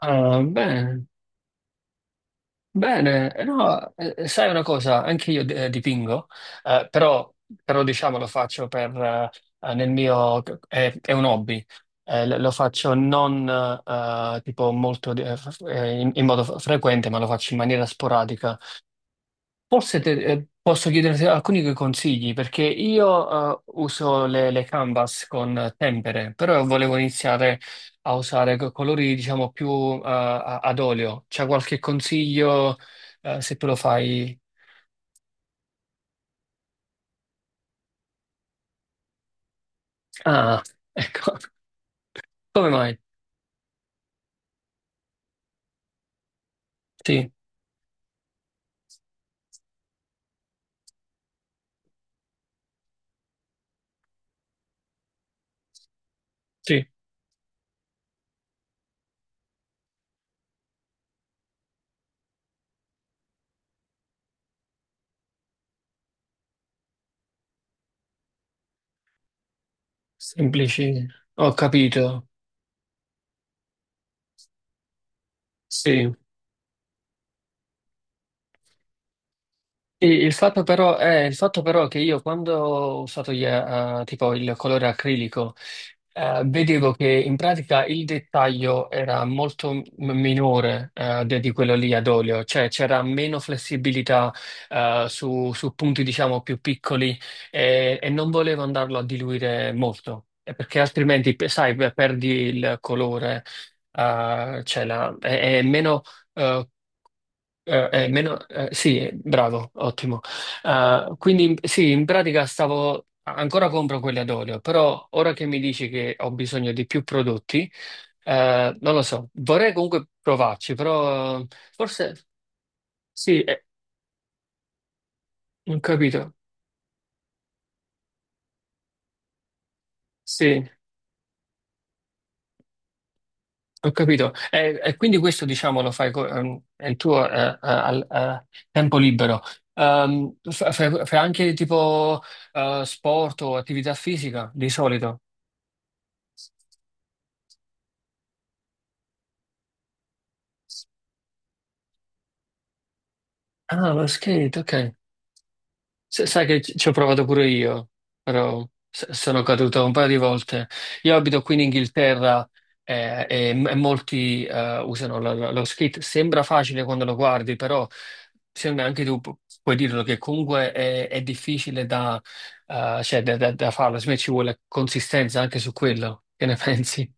Bene, bene. No, sai una cosa, anche io dipingo. Eh, però, però diciamo lo faccio per, nel mio, è un hobby. Lo faccio non tipo molto, in modo frequente, ma lo faccio in maniera sporadica. Forse posso chiederti alcuni consigli perché io uso le canvas con tempere, però volevo iniziare a usare colori diciamo più ad olio. C'è qualche consiglio se te lo fai? Ah, ecco, come mai? Sì, sì, semplici, ho capito. Sì. Sì, il fatto però che io quando ho usato gli, tipo il colore acrilico, vedevo che in pratica il dettaglio era molto minore di quello lì ad olio, cioè c'era meno flessibilità su punti diciamo più piccoli e non volevo andarlo a diluire molto, perché altrimenti sai, perdi il colore, cioè è meno, eh, meno, sì, bravo, ottimo. Sì, in pratica stavo ancora compro quelle ad olio, però ora che mi dici che ho bisogno di più prodotti, non lo so, vorrei comunque provarci, però forse sì, ho capito, sì, ho capito. E quindi questo diciamo lo fai, è il tuo, al tempo libero. Fai anche tipo sport o attività fisica di solito? Ah, lo skate, ok. Sai che ci ho provato pure io, però sono caduto un paio di volte. Io abito qui in Inghilterra, e, e molti usano lo skate. Sembra facile quando lo guardi, però secondo me anche tu puoi dirlo che comunque è difficile da, cioè, da farlo. Secondo me ci vuole consistenza anche su quello. Che ne pensi?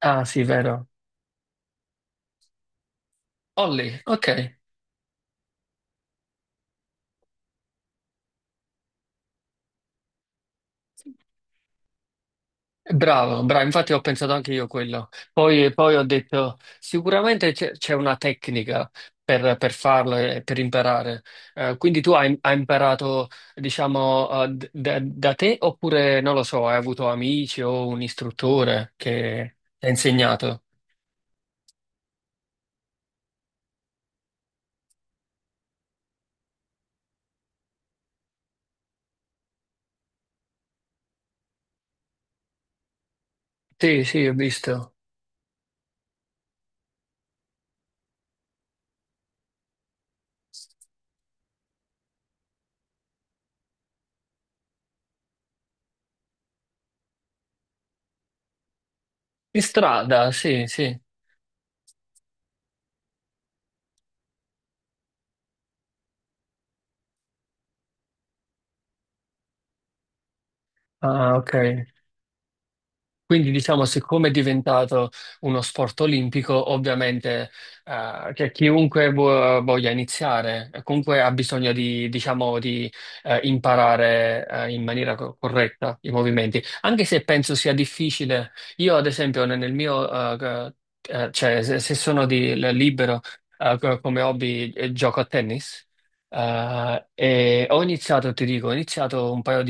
Ah, sì, vero. Ollie, ok. Bravo, bravo, infatti ho pensato anche io quello. Poi ho detto, sicuramente c'è una tecnica per farlo e per imparare. Quindi tu hai imparato, diciamo, da te oppure, non lo so, hai avuto amici o un istruttore che ti ha insegnato? Sì, sì, ho visto. In strada, sì, sì. Ah, ok. Quindi diciamo, siccome è diventato uno sport olimpico, ovviamente, che chiunque voglia iniziare, comunque ha bisogno di, diciamo, di imparare in maniera corretta i movimenti, anche se penso sia difficile. Io, ad esempio, nel mio, eh, cioè, se sono libero, come hobby, gioco a tennis. E ho iniziato, ti dico, ho iniziato un paio,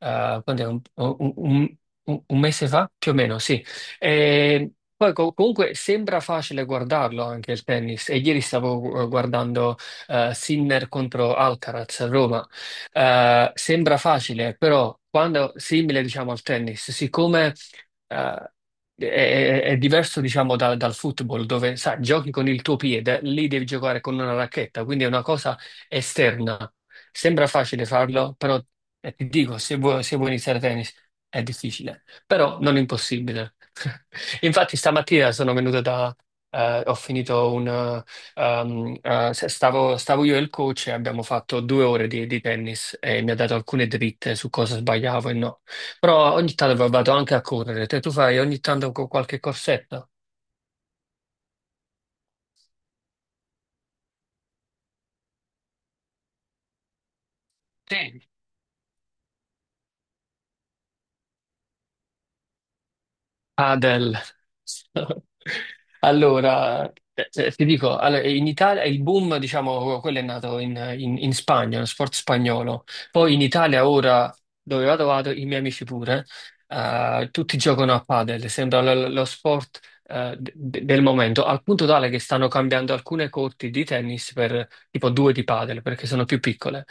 quant'è, un mese fa, più o meno, sì. E poi comunque sembra facile guardarlo anche il tennis. E ieri stavo guardando Sinner contro Alcaraz a Roma. Sembra facile, però quando simile, diciamo, al tennis, siccome eh, è diverso, diciamo, dal football, dove sai, giochi con il tuo piede, lì devi giocare con una racchetta, quindi è una cosa esterna. Sembra facile farlo, però ti dico, se vuoi iniziare a tennis è difficile, però non impossibile. Infatti stamattina sono venuto da... ho finito un... um, se- stavo io e il coach e abbiamo fatto 2 ore di tennis e mi ha dato alcune dritte su cosa sbagliavo e no. Però ogni tanto vado anche a correre. Te tu fai ogni tanto qualche corsetto? Sì, Adele. Allora, ti dico, allora, in Italia il boom, diciamo, quello è nato in, in Spagna, lo sport spagnolo. Poi in Italia ora, dove vado, vado, i miei amici pure, tutti giocano a padel, sembra lo sport, del momento, al punto tale che stanno cambiando alcune corti di tennis per tipo due di padel, perché sono più piccole.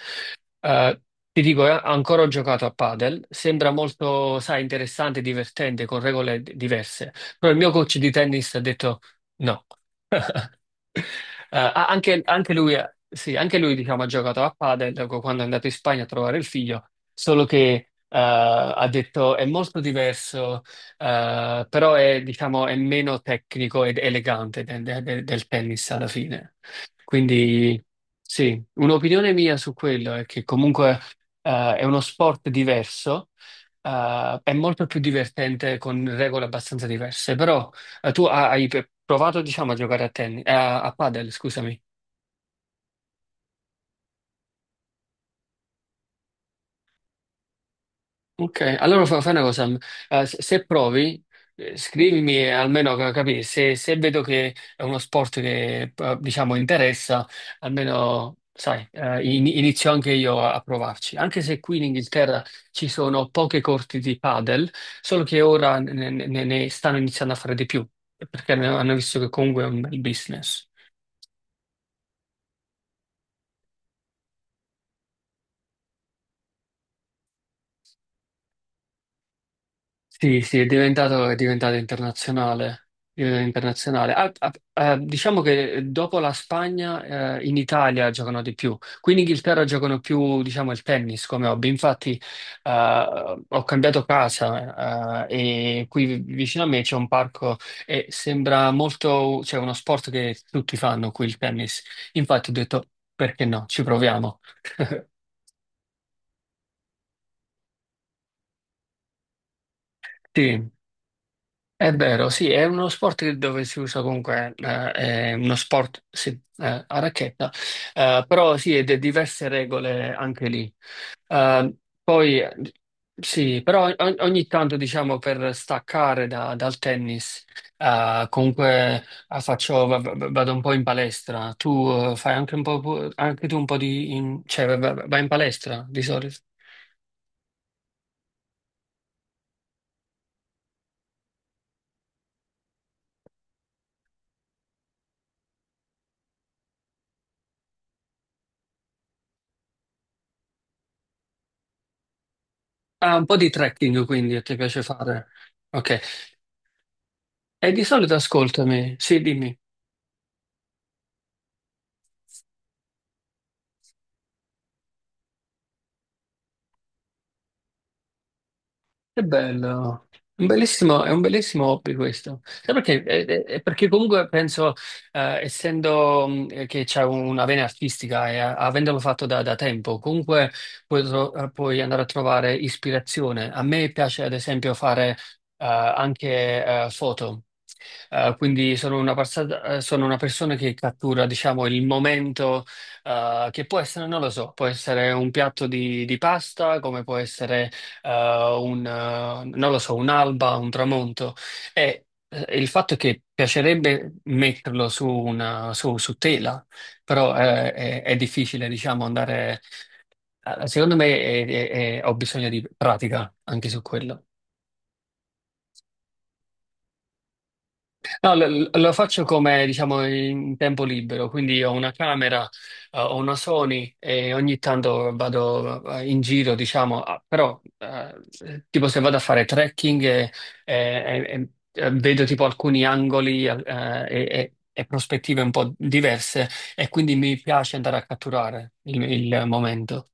Eh, ti dico, ancora ho giocato a padel, sembra molto, sai, interessante, divertente, con regole diverse, però il mio coach di tennis ha detto no. Eh, ah, anche lui, sì, anche lui diciamo, ha giocato a padel dopo quando è andato in Spagna a trovare il figlio, solo che ha detto è molto diverso, però è, diciamo, è meno tecnico ed elegante del tennis alla fine. Quindi sì, un'opinione mia su quello è che comunque è uno sport diverso, è molto più divertente con regole abbastanza diverse, però... Tu hai provato, diciamo, a giocare a tennis, a padel, scusami. Ok, allora fai una cosa, se provi, scrivimi, almeno capire se vedo che è uno sport che, diciamo, interessa, almeno, sai, inizio anche io a provarci. Anche se qui in Inghilterra ci sono poche corti di padel, solo che ora ne stanno iniziando a fare di più, perché hanno visto che comunque è un bel business. Sì, sì, è diventato internazionale. È diventato internazionale. Ah, ah, diciamo che dopo la Spagna, in Italia giocano di più. Qui in Inghilterra giocano più, diciamo, il tennis come hobby. Infatti, ho cambiato casa, e qui vicino a me c'è un parco e sembra molto, cioè, uno sport che tutti fanno qui, il tennis. Infatti ho detto, perché no, ci proviamo. Sì. È vero, sì, è uno sport dove si usa comunque, è uno sport, sì, a racchetta, però sì, ed è diverse regole anche lì. Eh, poi, sì, però ogni tanto, diciamo, per staccare dal tennis, comunque vado un po' in palestra. Tu, fai anche un po', anche tu un po' di, cioè, vai in palestra di solito? Ah, un po' di trekking, quindi, ti piace fare? Ok. E di solito ascoltami, sì, dimmi. Che bello, è un bellissimo hobby questo. Sai perché? Perché comunque penso, essendo, che c'è una vena artistica e avendolo fatto da tempo, comunque puoi, puoi andare a trovare ispirazione. A me piace ad esempio fare anche foto. Quindi sono una persona che cattura, diciamo, il momento, che può essere, non lo so, può essere un piatto di pasta, come può essere, eh, non lo so, un'alba, un tramonto. E il fatto è che piacerebbe metterlo su, su tela, però è difficile, diciamo, andare... Secondo me ho bisogno di pratica anche su quello. No, lo faccio come, diciamo, in tempo libero, quindi ho una camera, ho una Sony e ogni tanto vado in giro, diciamo, ah, però tipo se vado a fare trekking e- e, vedo tipo alcuni angoli, e prospettive un po' diverse e quindi mi piace andare a catturare il momento.